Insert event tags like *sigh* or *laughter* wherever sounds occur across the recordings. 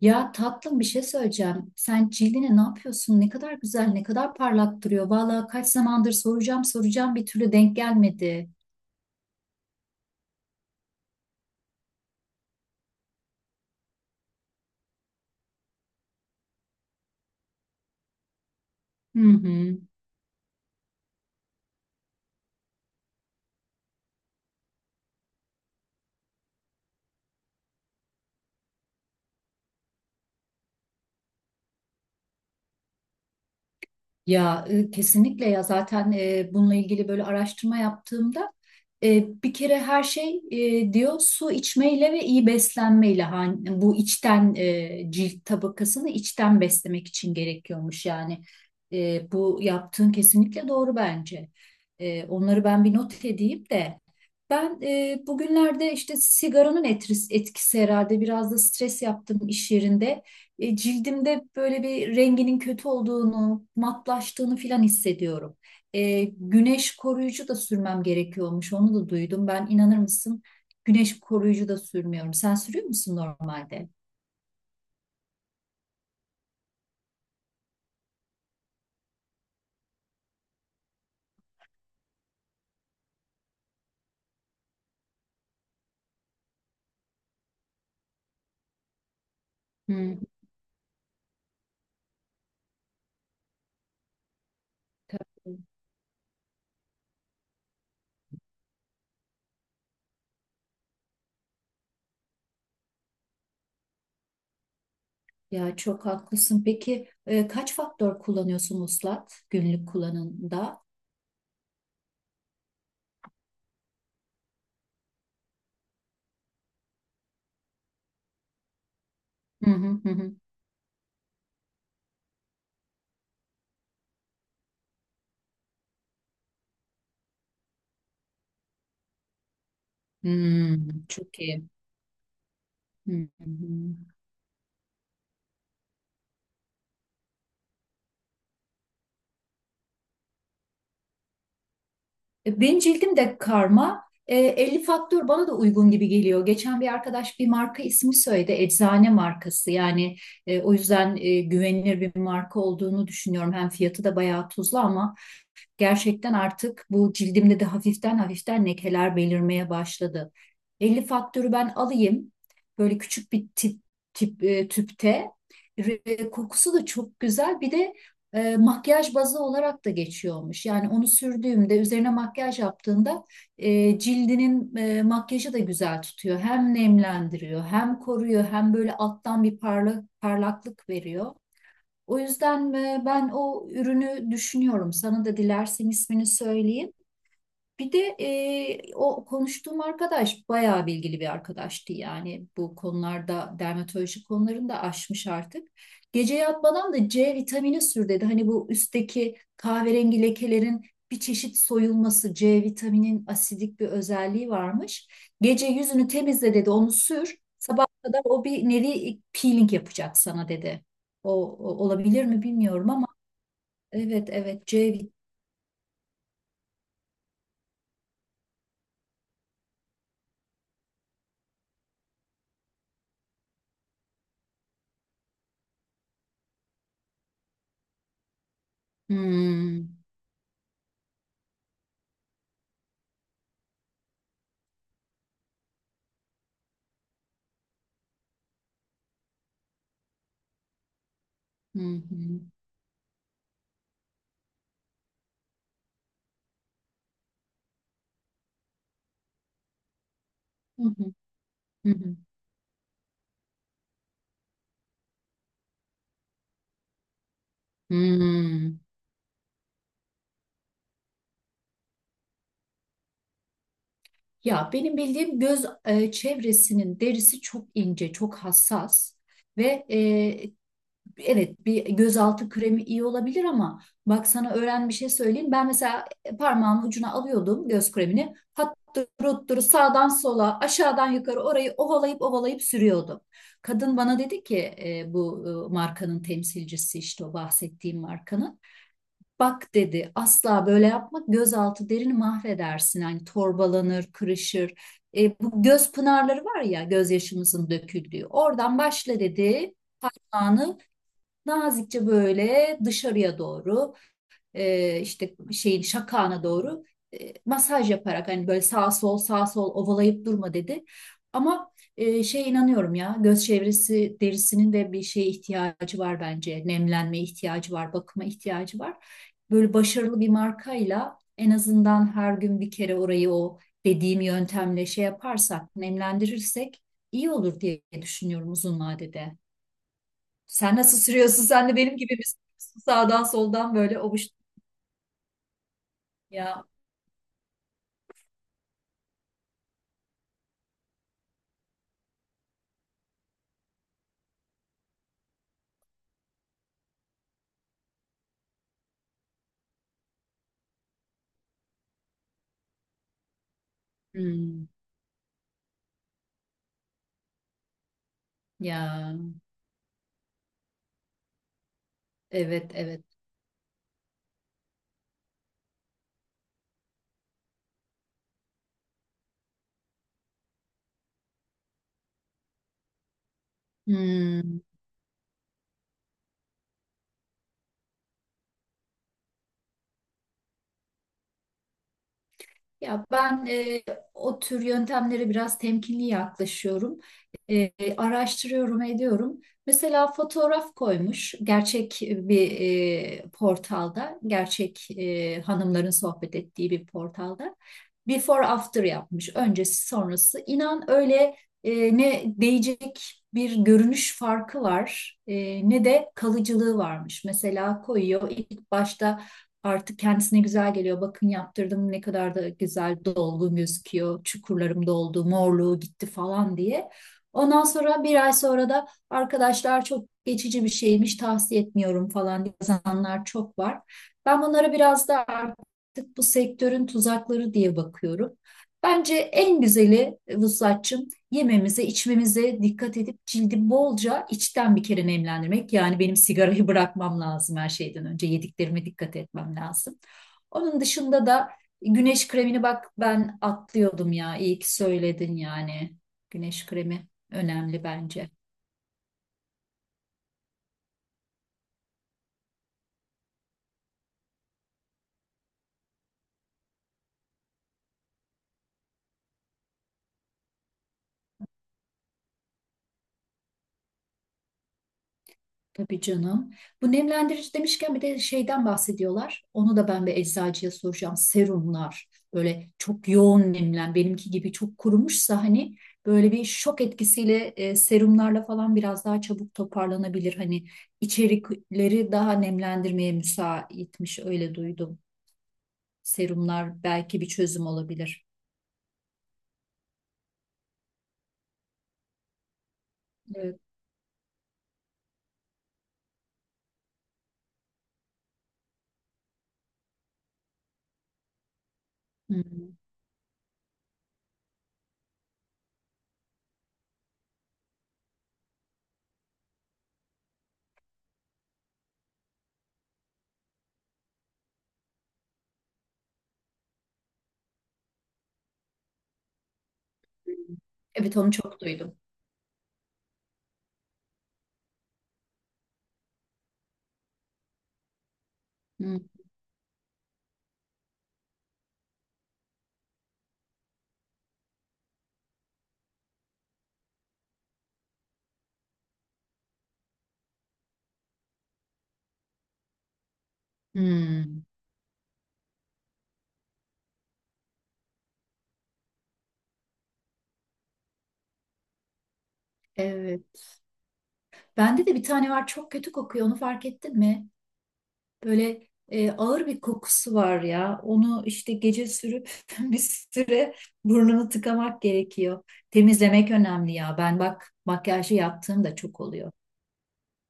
Ya tatlım bir şey söyleyeceğim. Sen cildine ne yapıyorsun? Ne kadar güzel, ne kadar parlak duruyor. Vallahi kaç zamandır soracağım soracağım bir türlü denk gelmedi. Hı hı. Ya kesinlikle ya zaten bununla ilgili böyle araştırma yaptığımda bir kere her şey diyor su içmeyle ve iyi beslenmeyle hani bu içten cilt tabakasını içten beslemek için gerekiyormuş yani. Bu yaptığın kesinlikle doğru bence. Onları ben bir not edeyim de ben bugünlerde işte sigaranın etkisi herhalde biraz da stres yaptım iş yerinde, cildimde böyle bir renginin kötü olduğunu, matlaştığını filan hissediyorum. Güneş koruyucu da sürmem gerekiyormuş. Onu da duydum. Ben inanır mısın? Güneş koruyucu da sürmüyorum. Sen sürüyor musun normalde? Hı. Tabii. Ya çok haklısın. Peki kaç faktör kullanıyorsun Muslat günlük kullanımda? Hı hı hı, hı. Hmm, çok iyi. Hı hı. Benim cildim de karma. 50 faktör bana da uygun gibi geliyor. Geçen bir arkadaş bir marka ismi söyledi. Eczane markası. Yani o yüzden güvenilir bir marka olduğunu düşünüyorum. Hem fiyatı da bayağı tuzlu ama gerçekten artık bu cildimde de hafiften hafiften lekeler belirmeye başladı. 50 faktörü ben alayım. Böyle küçük bir tip, tüpte. Kokusu da çok güzel. Bir de makyaj bazı olarak da geçiyormuş. Yani onu sürdüğümde üzerine makyaj yaptığında cildinin makyajı da güzel tutuyor. Hem nemlendiriyor, hem koruyor, hem böyle alttan bir parlaklık veriyor. O yüzden ben o ürünü düşünüyorum. Sana da dilersen ismini söyleyeyim. Bir de o konuştuğum arkadaş bayağı bilgili bir arkadaştı yani bu konularda dermatoloji konularını da aşmış artık. Gece yatmadan da C vitamini sür dedi. Hani bu üstteki kahverengi lekelerin bir çeşit soyulması, C vitaminin asidik bir özelliği varmış. Gece yüzünü temizle dedi, onu sür. Sabah kadar o bir nevi peeling yapacak sana dedi. O, o olabilir mi bilmiyorum ama evet evet C vitamini. Hmm. Hı hı. Hı hı. Hı hı. Hmm. Ya benim bildiğim göz çevresinin derisi çok ince, çok hassas ve evet bir gözaltı kremi iyi olabilir ama bak sana öğren bir şey söyleyeyim. Ben mesela parmağımın ucuna alıyordum göz kremini. Hattıruttur sağdan sola, aşağıdan yukarı orayı ovalayıp ovalayıp sürüyordum. Kadın bana dedi ki bu markanın temsilcisi, işte o bahsettiğim markanın. Bak dedi, asla böyle yapma, gözaltı derini mahvedersin. Hani torbalanır, kırışır. Bu göz pınarları var ya, gözyaşımızın döküldüğü. Oradan başla dedi, parmağını nazikçe böyle dışarıya doğru, işte şeyin şakağına doğru masaj yaparak, hani böyle sağ sol sağ sol ovalayıp durma dedi. Ama şey, inanıyorum ya, göz çevresi derisinin de bir şeye ihtiyacı var bence. Nemlenmeye ihtiyacı var, bakıma ihtiyacı var. Böyle başarılı bir markayla en azından her gün bir kere orayı o dediğim yöntemle şey yaparsak, nemlendirirsek iyi olur diye düşünüyorum uzun vadede. Sen nasıl sürüyorsun? Sen de benim gibi misin? Sağdan soldan böyle ovuştun ya. Hmm, ya evet evet. Hmm. Ya ben o tür yöntemlere biraz temkinli yaklaşıyorum. E, Araştırıyorum, ediyorum. Mesela fotoğraf koymuş gerçek bir portalda, gerçek hanımların sohbet ettiği bir portalda. Before after yapmış, öncesi sonrası. İnan öyle ne değecek bir görünüş farkı var, ne de kalıcılığı varmış. Mesela koyuyor ilk başta. Artık kendisine güzel geliyor. Bakın yaptırdım, ne kadar da güzel dolgun gözüküyor. Çukurlarım doldu, morluğu gitti falan diye. Ondan sonra bir ay sonra da arkadaşlar çok geçici bir şeymiş, tavsiye etmiyorum falan diye yazanlar çok var. Ben bunlara biraz da artık bu sektörün tuzakları diye bakıyorum. Bence en güzeli Vuslatçım, yememize, içmemize dikkat edip cildi bolca içten bir kere nemlendirmek. Yani benim sigarayı *laughs* bırakmam lazım her şeyden önce. Yediklerime dikkat etmem lazım. Onun dışında da güneş kremini, bak ben atlıyordum ya. İyi ki söyledin yani. Güneş kremi önemli bence. Tabii canım. Bu nemlendirici demişken bir de şeyden bahsediyorlar. Onu da ben bir eczacıya soracağım. Serumlar böyle çok yoğun nemlen, benimki gibi çok kurumuşsa hani böyle bir şok etkisiyle serumlarla falan biraz daha çabuk toparlanabilir. Hani içerikleri daha nemlendirmeye müsaitmiş, öyle duydum. Serumlar belki bir çözüm olabilir. Evet. Hmm. Evet, onu çok duydum. Hmm. Hmm. Evet. Bende de bir tane var, çok kötü kokuyor, onu fark ettin mi? Böyle ağır bir kokusu var ya. Onu işte gece sürüp *laughs* bir süre burnunu tıkamak gerekiyor. Temizlemek önemli ya. Ben bak makyajı yaptığım da çok oluyor.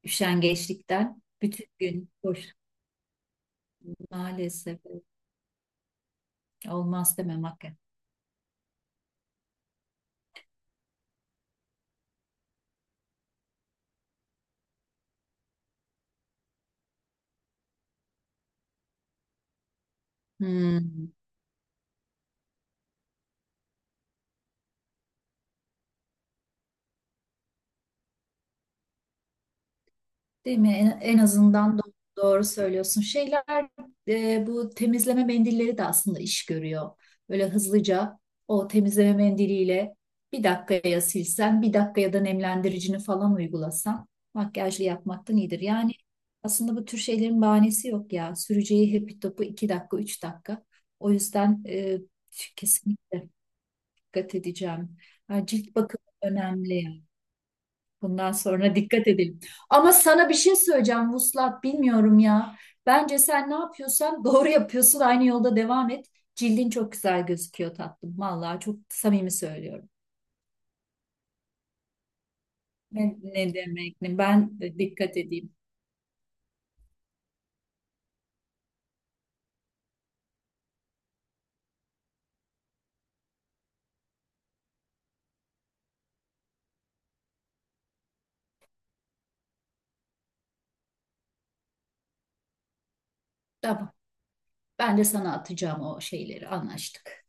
Üşengeçlikten bütün gün boş. Maalesef olmaz deme makyaj. Hmm. Değil mi? En azından doğru söylüyorsun. Şeyler, bu temizleme mendilleri de aslında iş görüyor. Böyle hızlıca o temizleme mendiliyle bir dakikaya silsen, bir dakikaya da nemlendiricini falan uygulasan, makyajlı yapmaktan iyidir. Yani aslında bu tür şeylerin bahanesi yok ya. Süreceği happy topu 2 dakika, 3 dakika. O yüzden kesinlikle dikkat edeceğim. Ha, cilt bakımı önemli yani. Bundan sonra dikkat edelim. Ama sana bir şey söyleyeceğim Vuslat, bilmiyorum ya. Bence sen ne yapıyorsan doğru yapıyorsun. Aynı yolda devam et. Cildin çok güzel gözüküyor tatlım. Vallahi çok samimi söylüyorum. Ne demek ne? Ben de dikkat edeyim. Tamam. Ben de sana atacağım o şeyleri. Anlaştık.